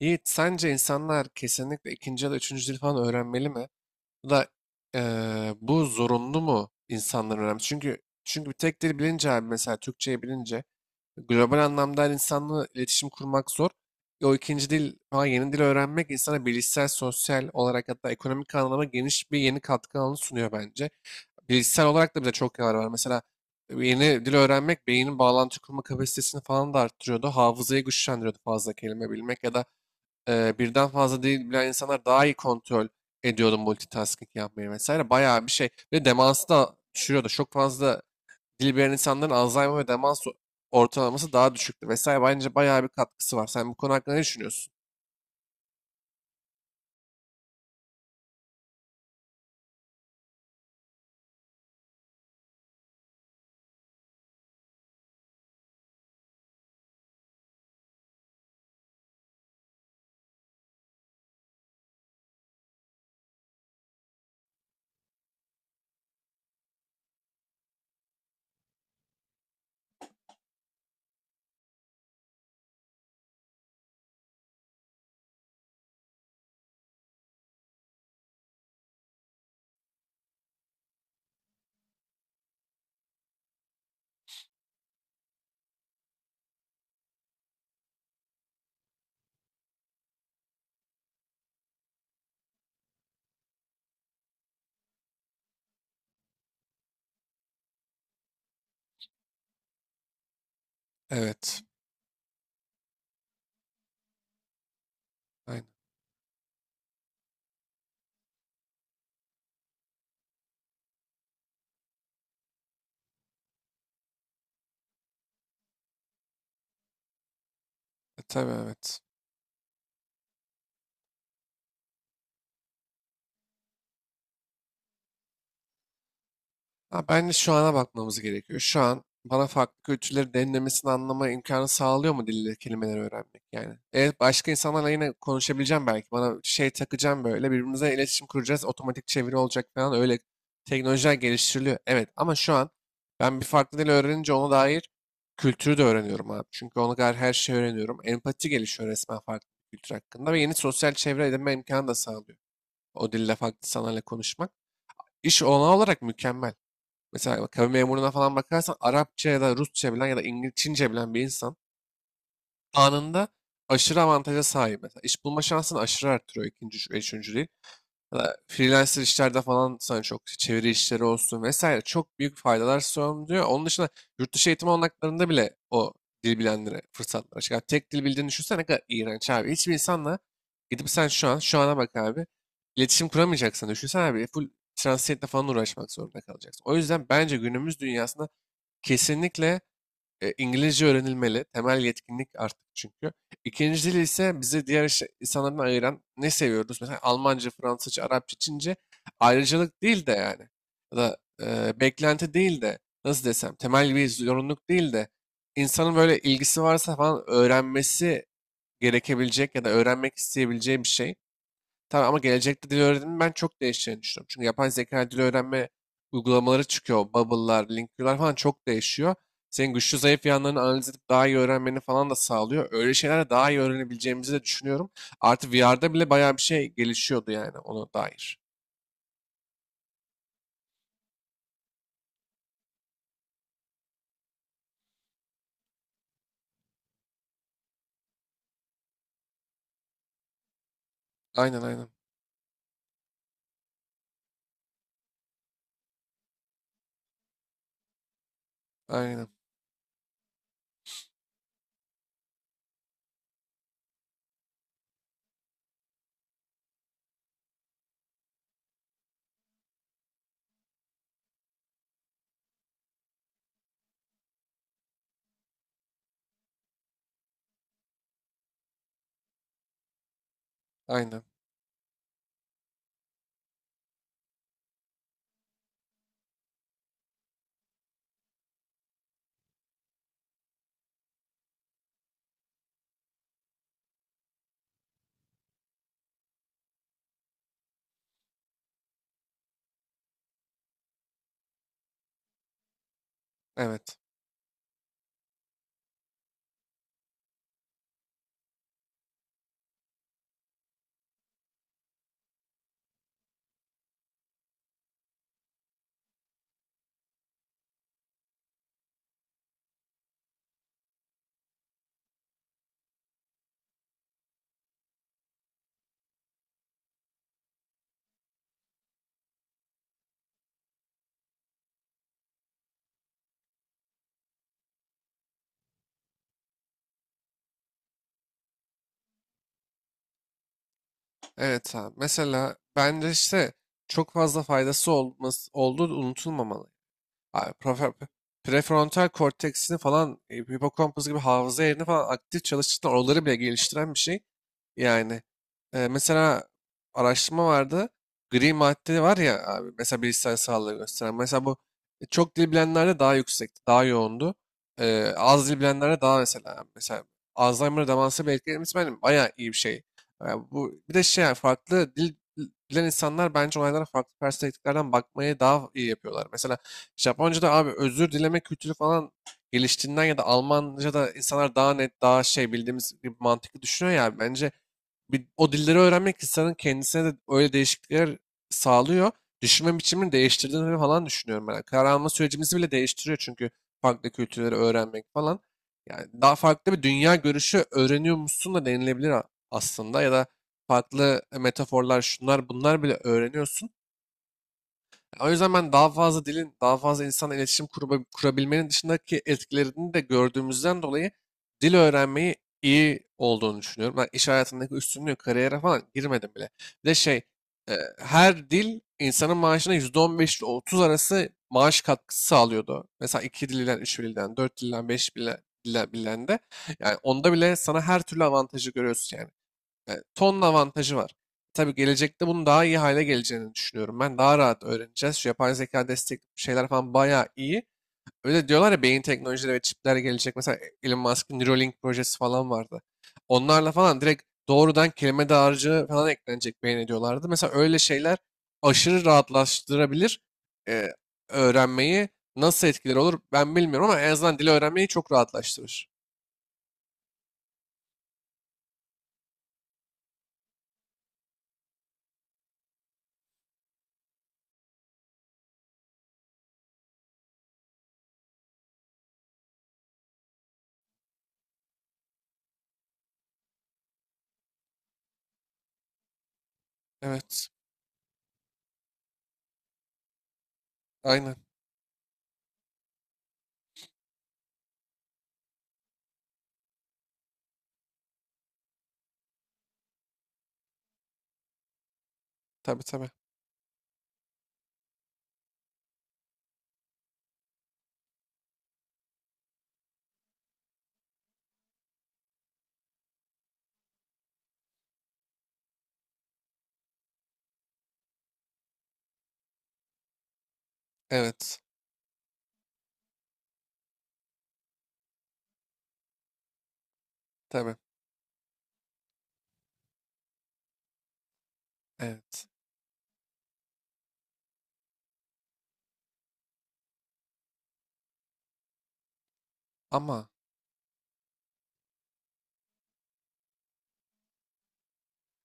Yiğit, sence insanlar kesinlikle ikinci ya da üçüncü dil falan öğrenmeli mi? Bu da bu zorunlu mu insanların öğrenmesi? Çünkü bir tek dil bilince abi mesela Türkçeyi bilince global anlamda her insanla iletişim kurmak zor. O ikinci dil falan yeni dil öğrenmek insana bilişsel, sosyal olarak hatta ekonomik anlamda geniş bir yeni katkı alanı sunuyor bence. Bilişsel olarak da bize çok yarar var. Mesela yeni dil öğrenmek beynin bağlantı kurma kapasitesini falan da arttırıyordu. Hafızayı güçlendiriyordu fazla kelime bilmek ya da birden fazla dil bilen insanlar daha iyi kontrol ediyordu multitasking yapmayı vesaire. Bayağı bir şey. Ve demansı da düşürüyordu. Çok fazla dil bilen insanların Alzheimer ve demans ortalaması daha düşüktü vesaire. Bence bayağı bir katkısı var. Sen bu konu hakkında ne düşünüyorsun? Evet. Aynen. Tabii evet. Ha, bence şu ana bakmamız gerekiyor. Şu an bana farklı kültürleri derinlemesine anlama imkanı sağlıyor mu dille kelimeleri öğrenmek yani? Evet başka insanlarla yine konuşabileceğim belki. Bana şey takacağım böyle birbirimize iletişim kuracağız. Otomatik çeviri olacak falan öyle teknolojiler geliştiriliyor. Evet ama şu an ben bir farklı dil öğrenince ona dair kültürü de öğreniyorum abi. Çünkü ona dair her şeyi öğreniyorum. Empati gelişiyor resmen farklı bir kültür hakkında ve yeni sosyal çevre edinme imkanı da sağlıyor. O dille farklı insanlarla konuşmak. İş olanağı olarak mükemmel. Mesela bak, kamu memuruna falan bakarsan Arapça ya da Rusça bilen ya da İngilizce, Çince bilen bir insan anında aşırı avantaja sahip. Mesela iş bulma şansını aşırı arttırıyor ikinci, üçüncü değil. Ya da freelancer işlerde falan sana çok çeviri işleri olsun vesaire çok büyük faydalar sunuyor. Onun dışında yurt dışı eğitim olanaklarında bile o dil bilenlere fırsatlar açık. Yani tek dil bildiğini düşünsene ne kadar iğrenç abi. Hiçbir insanla gidip sen şu an, şu ana bak abi. İletişim kuramayacaksın. Düşünsene abi full translate'le falan uğraşmak zorunda kalacaksın. O yüzden bence günümüz dünyasında kesinlikle İngilizce öğrenilmeli. Temel yetkinlik artık çünkü. İkinci dil ise bizi diğer insanlardan ayıran ne seviyoruz? Mesela Almanca, Fransızca, Arapça, Çince ayrıcalık değil de yani. Ya da beklenti değil de nasıl desem temel bir zorunluluk değil de insanın böyle ilgisi varsa falan öğrenmesi gerekebilecek ya da öğrenmek isteyebileceği bir şey. Tamam ama gelecekte dil öğrenimi ben çok değişeceğini düşünüyorum. Çünkü yapay zeka dil öğrenme uygulamaları çıkıyor. Bubble'lar, Linker'lar falan çok değişiyor. Senin güçlü zayıf yanlarını analiz edip daha iyi öğrenmeni falan da sağlıyor. Öyle şeylerle daha iyi öğrenebileceğimizi de düşünüyorum. Artı VR'da bile bayağı bir şey gelişiyordu yani ona dair. Aynen aynen. Aynen. Aynen. Evet. Evet abi. Mesela bence işte çok fazla faydası olması, olduğu unutulmamalı. Abi prefrontal korteksini falan, hipokampus gibi hafıza yerini falan aktif çalıştıran oraları bile geliştiren bir şey. Yani mesela araştırma vardı. Gri madde var ya abi mesela bilişsel sağlığı gösteren. Mesela bu çok dil bilenlerde daha yüksekti, daha yoğundu. Az dil bilenlerde daha mesela Alzheimer'a demansa bir etkilemesi benim bayağı iyi bir şey. Bu bir de şey yani farklı dil bilen insanlar bence olaylara farklı perspektiflerden bakmayı daha iyi yapıyorlar. Mesela Japonca'da abi özür dileme kültürü falan geliştiğinden ya da Almanca'da insanlar daha net, daha şey bildiğimiz gibi mantıklı düşünüyor ya. Bence bir, o dilleri öğrenmek insanın kendisine de öyle değişiklikler sağlıyor. Düşünme biçimini değiştirdiğini falan düşünüyorum ben. Karar alma sürecimizi bile değiştiriyor çünkü farklı kültürleri öğrenmek falan. Yani daha farklı bir dünya görüşü öğreniyormuşsun da denilebilir aslında ya da farklı metaforlar şunlar bunlar bile öğreniyorsun. O yüzden ben daha fazla dilin, daha fazla insanla iletişim kurabilmenin dışındaki etkilerini de gördüğümüzden dolayı dil öğrenmeyi iyi olduğunu düşünüyorum. Ben iş hayatındaki üstünlüğü, kariyere falan girmedim bile. Bir de şey, e, her dil insanın maaşına %15 ile %30 arası maaş katkısı sağlıyordu. Mesela iki dilden, üç dilden, dört dilden, beş dilden de. Yani onda bile sana her türlü avantajı görüyorsun yani. Yani tonla avantajı var. Tabii gelecekte bunun daha iyi hale geleceğini düşünüyorum. Ben daha rahat öğreneceğiz. Şu yapay zeka destekli şeyler falan bayağı iyi. Öyle diyorlar ya beyin teknolojileri ve çipler gelecek. Mesela Elon Musk'ın Neuralink projesi falan vardı. Onlarla falan direkt doğrudan kelime dağarcığı falan eklenecek beyin diyorlardı. Mesela öyle şeyler aşırı rahatlaştırabilir e, öğrenmeyi. Nasıl etkileri olur ben bilmiyorum ama en azından dili öğrenmeyi çok rahatlaştırır. Evet. Aynen. Tabii tabii. Evet. Tabii. Evet. Ama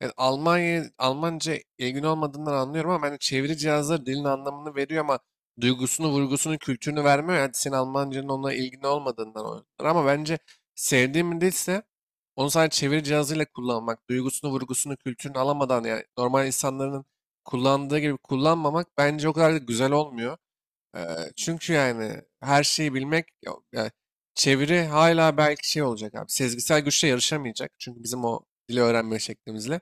yani Almanya Almanca ilgin olmadığından anlıyorum ama yani çeviri cihazları dilin anlamını veriyor ama duygusunu, vurgusunu, kültürünü vermiyor. Yani senin Almancanın onunla ilgin olmadığından olabilir. Ama bence sevdiğim bir dilse onu sadece çeviri cihazıyla kullanmak, duygusunu, vurgusunu, kültürünü alamadan yani normal insanların kullandığı gibi kullanmamak bence o kadar da güzel olmuyor. Çünkü yani her şeyi bilmek yok. Yani çeviri hala belki şey olacak abi. Sezgisel güçle yarışamayacak. Çünkü bizim o dili öğrenme şeklimizle.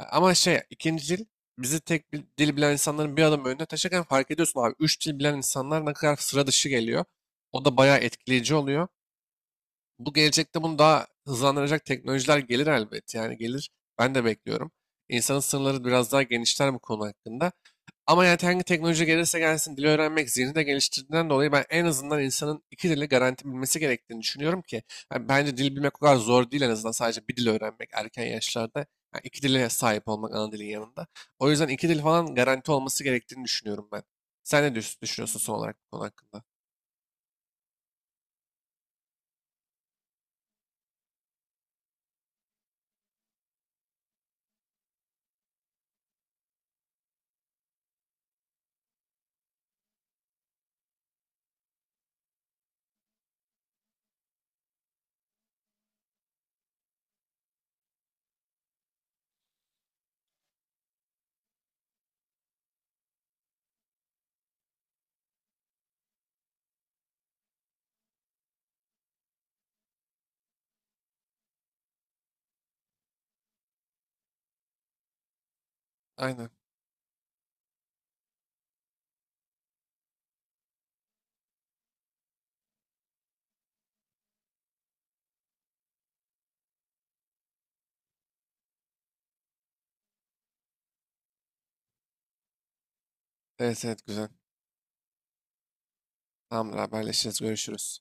Ama şey ikinci dil bizi tek bir dil bilen insanların bir adım önüne taşırken fark ediyorsun abi. Üç dil bilen insanlar ne kadar sıra dışı geliyor. O da bayağı etkileyici oluyor. Bu gelecekte bunu daha hızlandıracak teknolojiler gelir elbet. Yani gelir. Ben de bekliyorum. İnsanın sınırları biraz daha genişler bu konu hakkında. Ama yani hangi teknoloji gelirse gelsin dil öğrenmek zihnini de geliştirdiğinden dolayı ben en azından insanın iki dili garanti bilmesi gerektiğini düşünüyorum ki yani bence dil bilmek o kadar zor değil en azından sadece bir dil öğrenmek erken yaşlarda yani iki dile sahip olmak ana dilin yanında. O yüzden iki dil falan garanti olması gerektiğini düşünüyorum ben. Sen ne düşünüyorsun son olarak bu konu hakkında? Aynen. Evet evet güzel. Tamamdır haberleşiriz görüşürüz.